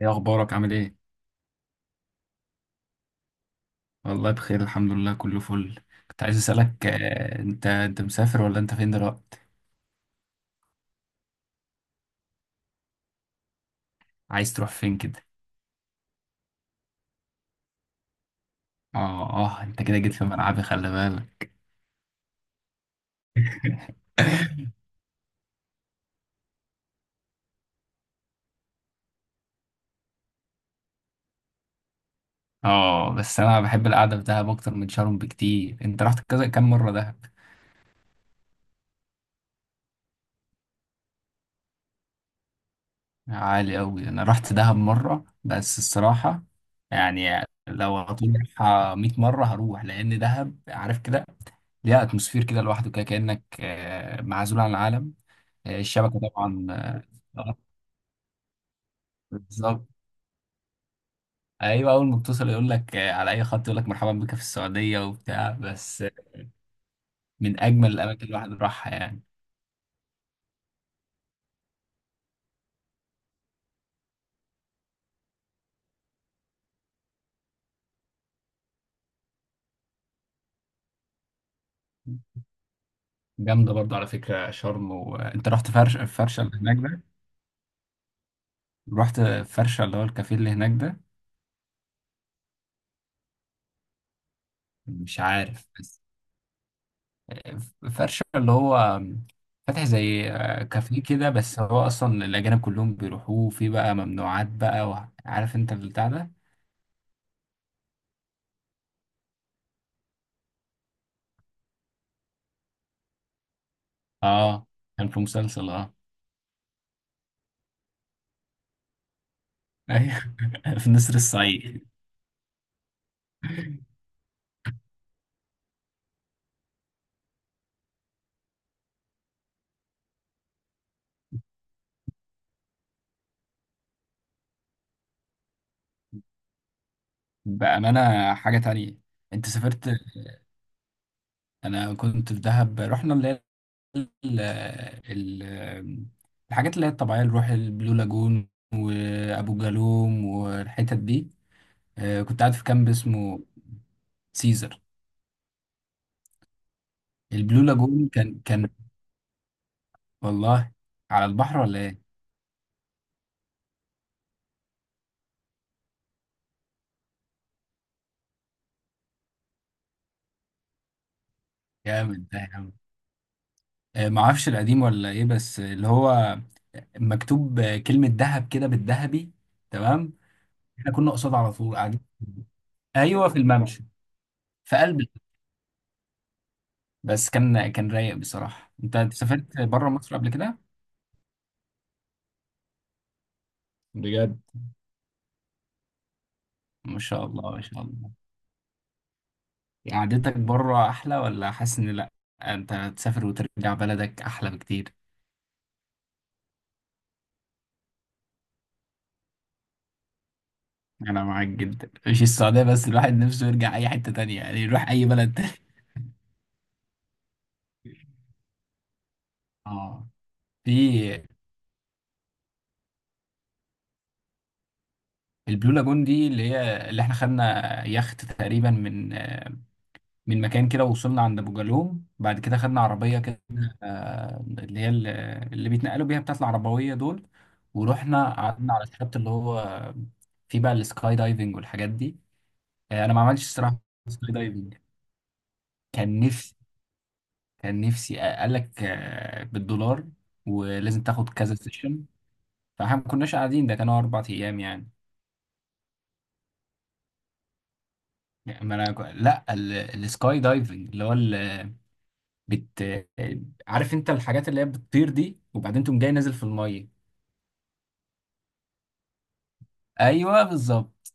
ايه اخبارك؟ عامل ايه؟ والله بخير، الحمد لله كله فل. كنت عايز اسالك انت مسافر ولا انت فين دلوقتي؟ عايز تروح فين كده؟ اه اه، انت كده جيت في ملعبي، خلي بالك. اه، بس انا بحب القعده في دهب اكتر من شرم بكتير. انت رحت كذا كام مره دهب؟ عالي قوي. انا رحت دهب مره بس الصراحه، يعني لو هطول 100 مره هروح، لان دهب، عارف كده، ليها اتموسفير كده لوحده، كده كانك معزول عن العالم. الشبكة طبعا. آه، بالظبط. ايوه، اول ما بتوصل يقول لك على اي خط يقول لك مرحبا بك في السعوديه وبتاع، بس من اجمل الاماكن اللي الواحد راحها يعني. جامده برضو على فكره شرم. وانت رحت فرش، فرشه اللي هناك ده؟ رحت فرشه اللي هو الكافيه اللي هناك ده. مش عارف بس فرشه اللي هو فاتح زي كافيه كده، بس هو اصلا الاجانب كلهم بيروحوه، في بقى ممنوعات بقى، وعارف انت البتاع ده. اه، كان في مسلسل اه. ايوه، في نسر الصعيد. بأمانة حاجة تانية. انت سافرت؟ انا كنت في دهب، رحنا اللي هي ال- ال- الحاجات اللي هي الطبيعية، اللي نروح البلو لاجون وابو جالوم والحتت دي. كنت قاعد في كامب اسمه سيزر. البلو لاجون كان والله على البحر ولا ايه؟ جامد ده يا عم. معرفش القديم ولا ايه، بس اللي هو مكتوب كلمة دهب كده بالذهبي. تمام. احنا كنا قصاد على طول قاعدين. ايوه، في الممشى. في قلب، بس كان كان رايق بصراحة. انت، أنت سافرت بره مصر قبل كده؟ بجد؟ ما شاء الله، ما شاء الله. يعني قعدتك بره احلى، ولا حاسس ان لا، انت تسافر وترجع بلدك احلى بكتير؟ انا معاك جدا. مش السعودية بس، الواحد نفسه يرجع اي حتة تانية، يعني يروح اي بلد تاني. اه. في البلو لاجون دي اللي هي، اللي احنا خدنا يخت تقريبا من مكان كده، وصلنا عند ابو جالوم، بعد كده خدنا عربيه كده، اللي هي اللي بيتنقلوا بيها، بتاعت العربويه دول. ورحنا قعدنا على الشط اللي هو فيه بقى السكاي دايفنج والحاجات دي. انا ما عملتش الصراحه سكاي دايفنج. كان نفسي، كان نفسي قال لك بالدولار، ولازم تاخد كذا سيشن، فاحنا ما كناش قاعدين، ده كانوا اربع ايام يعني. يعني، ما انا لا، السكاي دايفنج اللي هو بت عارف انت الحاجات اللي هي بتطير دي، وبعدين تقوم جاي نازل في الميه. ايوه، بالظبط.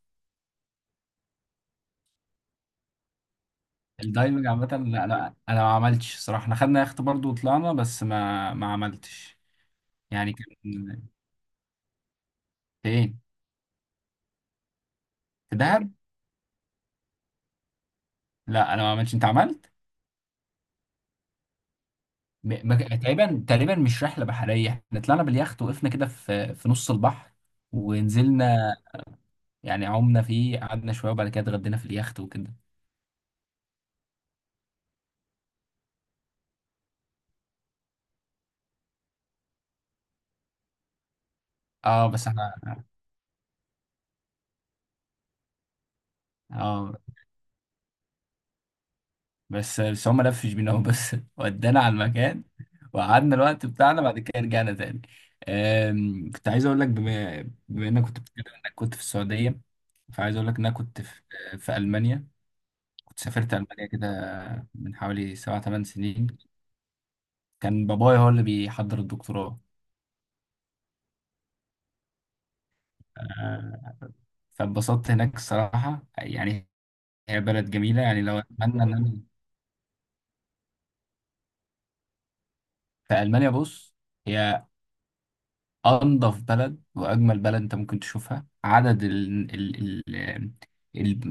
الدايفنج عامه، لا انا ما عملتش صراحه. احنا خدنا يخت برضه وطلعنا، بس ما عملتش. يعني كان. فين، في دهب؟ لا انا ما عملتش، انت عملت؟ ما ك- تقريبا، تقريبا مش رحله بحريه، احنا طلعنا باليخت، وقفنا كده في نص البحر ونزلنا، يعني عمنا فيه، قعدنا شويه، وبعد كده اتغدينا في اليخت وكده. اه بس احنا، اه، بس هم لفش بينا هو، بس ودانا على المكان وقعدنا الوقت بتاعنا، بعد كده رجعنا تاني. كنت عايز اقول لك، بما بما انك كنت بتتكلم انك كنت في السعوديه، فعايز اقول لك ان انا كنت في في المانيا. كنت سافرت المانيا كده من حوالي سبع ثمان سنين. كان بابايا هو اللي بيحضر الدكتوراه. أه، فاتبسطت هناك الصراحه يعني. هي بلد جميله يعني، لو اتمنى ان انا في المانيا. بص، هي انضف بلد واجمل بلد انت ممكن تشوفها. عدد ال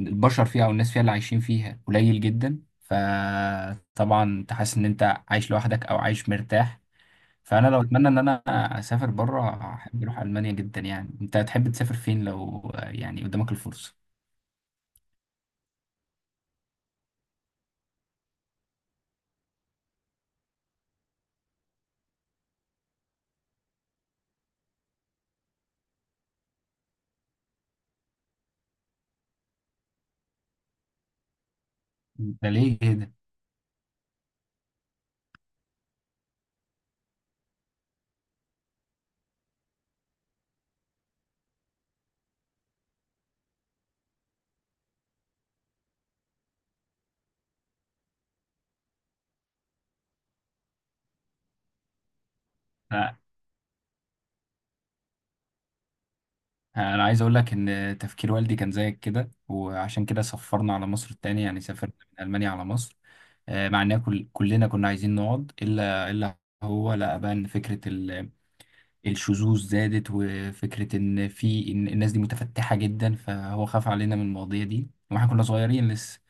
البشر فيها، او الناس فيها اللي عايشين فيها، قليل جدا، فطبعا انت حاسس ان انت عايش لوحدك او عايش مرتاح. فانا لو اتمنى ان انا اسافر بره، احب اروح المانيا جدا يعني. انت تحب تسافر فين لو يعني قدامك الفرصه؟ ده ليه كده؟ لا، انا عايز اقول لك ان تفكير والدي كان زيك كده، وعشان كده سفرنا على مصر التانية، يعني سافرنا من المانيا على مصر. مع إننا كلنا كنا عايزين نقعد، إلا هو لقى بقى إن فكرة الشذوذ زادت، وفكرة إن في، إن الناس دي متفتحة جدا، فهو خاف علينا من المواضيع دي وإحنا كنا صغيرين لسه.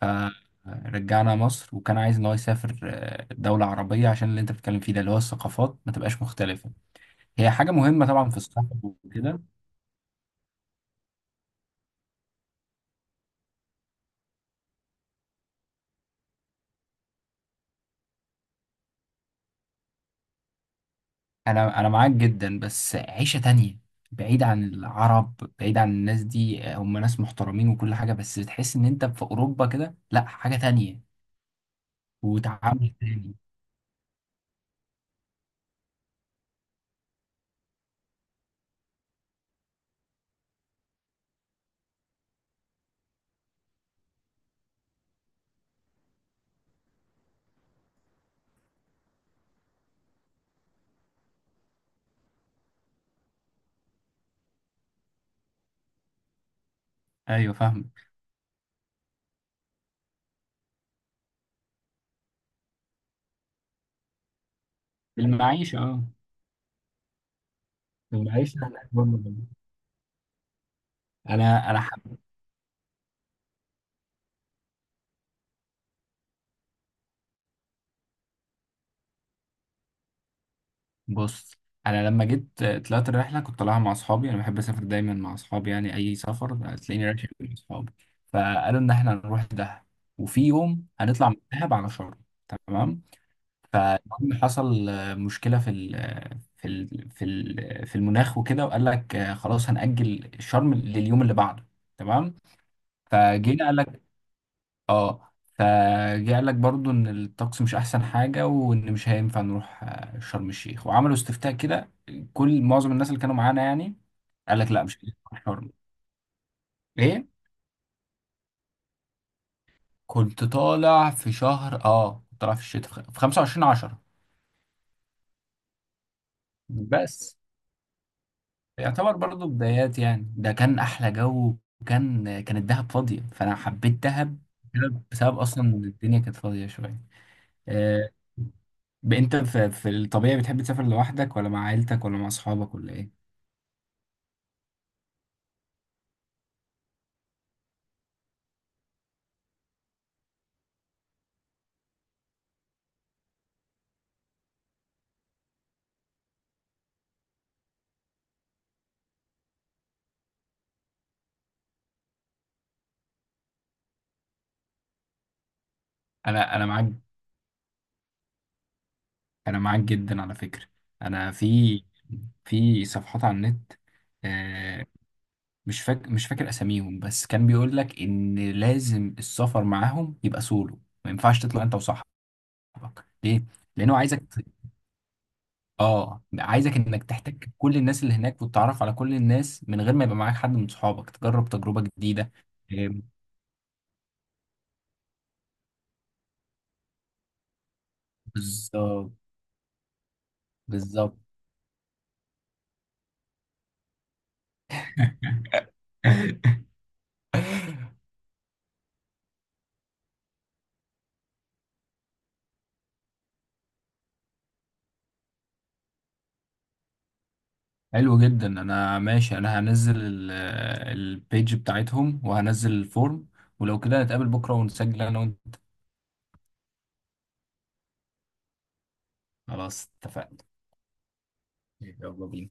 فرجعنا مصر، وكان عايز إن هو يسافر دولة عربية، عشان اللي أنت بتتكلم فيه ده، اللي هو الثقافات ما تبقاش مختلفة. هي حاجة مهمة طبعا في السفر وكده. انا معاك جدا، بس عيشه تانية، بعيد عن العرب، بعيد عن الناس دي. هم ناس محترمين وكل حاجه، بس بتحس ان انت في اوروبا كده، لا حاجه تانية وتعامل تاني. ايوه، فاهم. المعيشه، اه، المعيشه هناك برضه جميلة. انا حب. بص، انا لما جيت طلعت الرحله، كنت طالعها مع اصحابي. انا بحب اسافر دايما مع اصحابي، يعني اي سفر هتلاقيني رايح مع اصحابي. فقالوا ان احنا هنروح دهب، وفي يوم هنطلع من دهب على شرم. تمام. فالمهم حصل مشكلة في ال آه، في في ال في المناخ وكده، وقال لك خلاص هنأجل الشرم لليوم اللي بعده. تمام. فجينا قال لك، اه، فجه قال لك برضو ان الطقس مش احسن حاجة، وان مش هينفع نروح شرم الشيخ، وعملوا استفتاء كده. معظم الناس اللي كانوا معانا يعني قال لك لا، مش هينفع شرم. ايه، كنت طالع في شهر، اه، كنت طالع في الشتاء، في 25/10. بس يعتبر برضو بدايات يعني، ده كان احلى جو، وكان الدهب فاضيه، فانا حبيت دهب بسبب اصلا إن الدنيا كانت فاضيه شويه. آه، انت في, في الطبيعي بتحب تسافر لوحدك ولا مع عيلتك ولا مع اصحابك ولا ايه؟ انا معاك، انا معاك جدا على فكره. انا في صفحات على النت آه، مش فاكر مش فاكر اساميهم، بس كان بيقول لك ان لازم السفر معاهم يبقى سولو، ما ينفعش تطلع انت وصاحبك. ليه؟ لانه عايزك، اه عايزك انك تحتك كل الناس اللي هناك، وتتعرف على كل الناس من غير ما يبقى معاك حد من صحابك، تجرب تجربة جديدة. إيه، بالظبط. بالظبط. حلو جدا، انا ماشي. انا هنزل البيج بتاعتهم وهنزل الفورم، ولو كده نتقابل بكرة ونسجل انا وانت. خلاص اتفقنا. يلا بينا.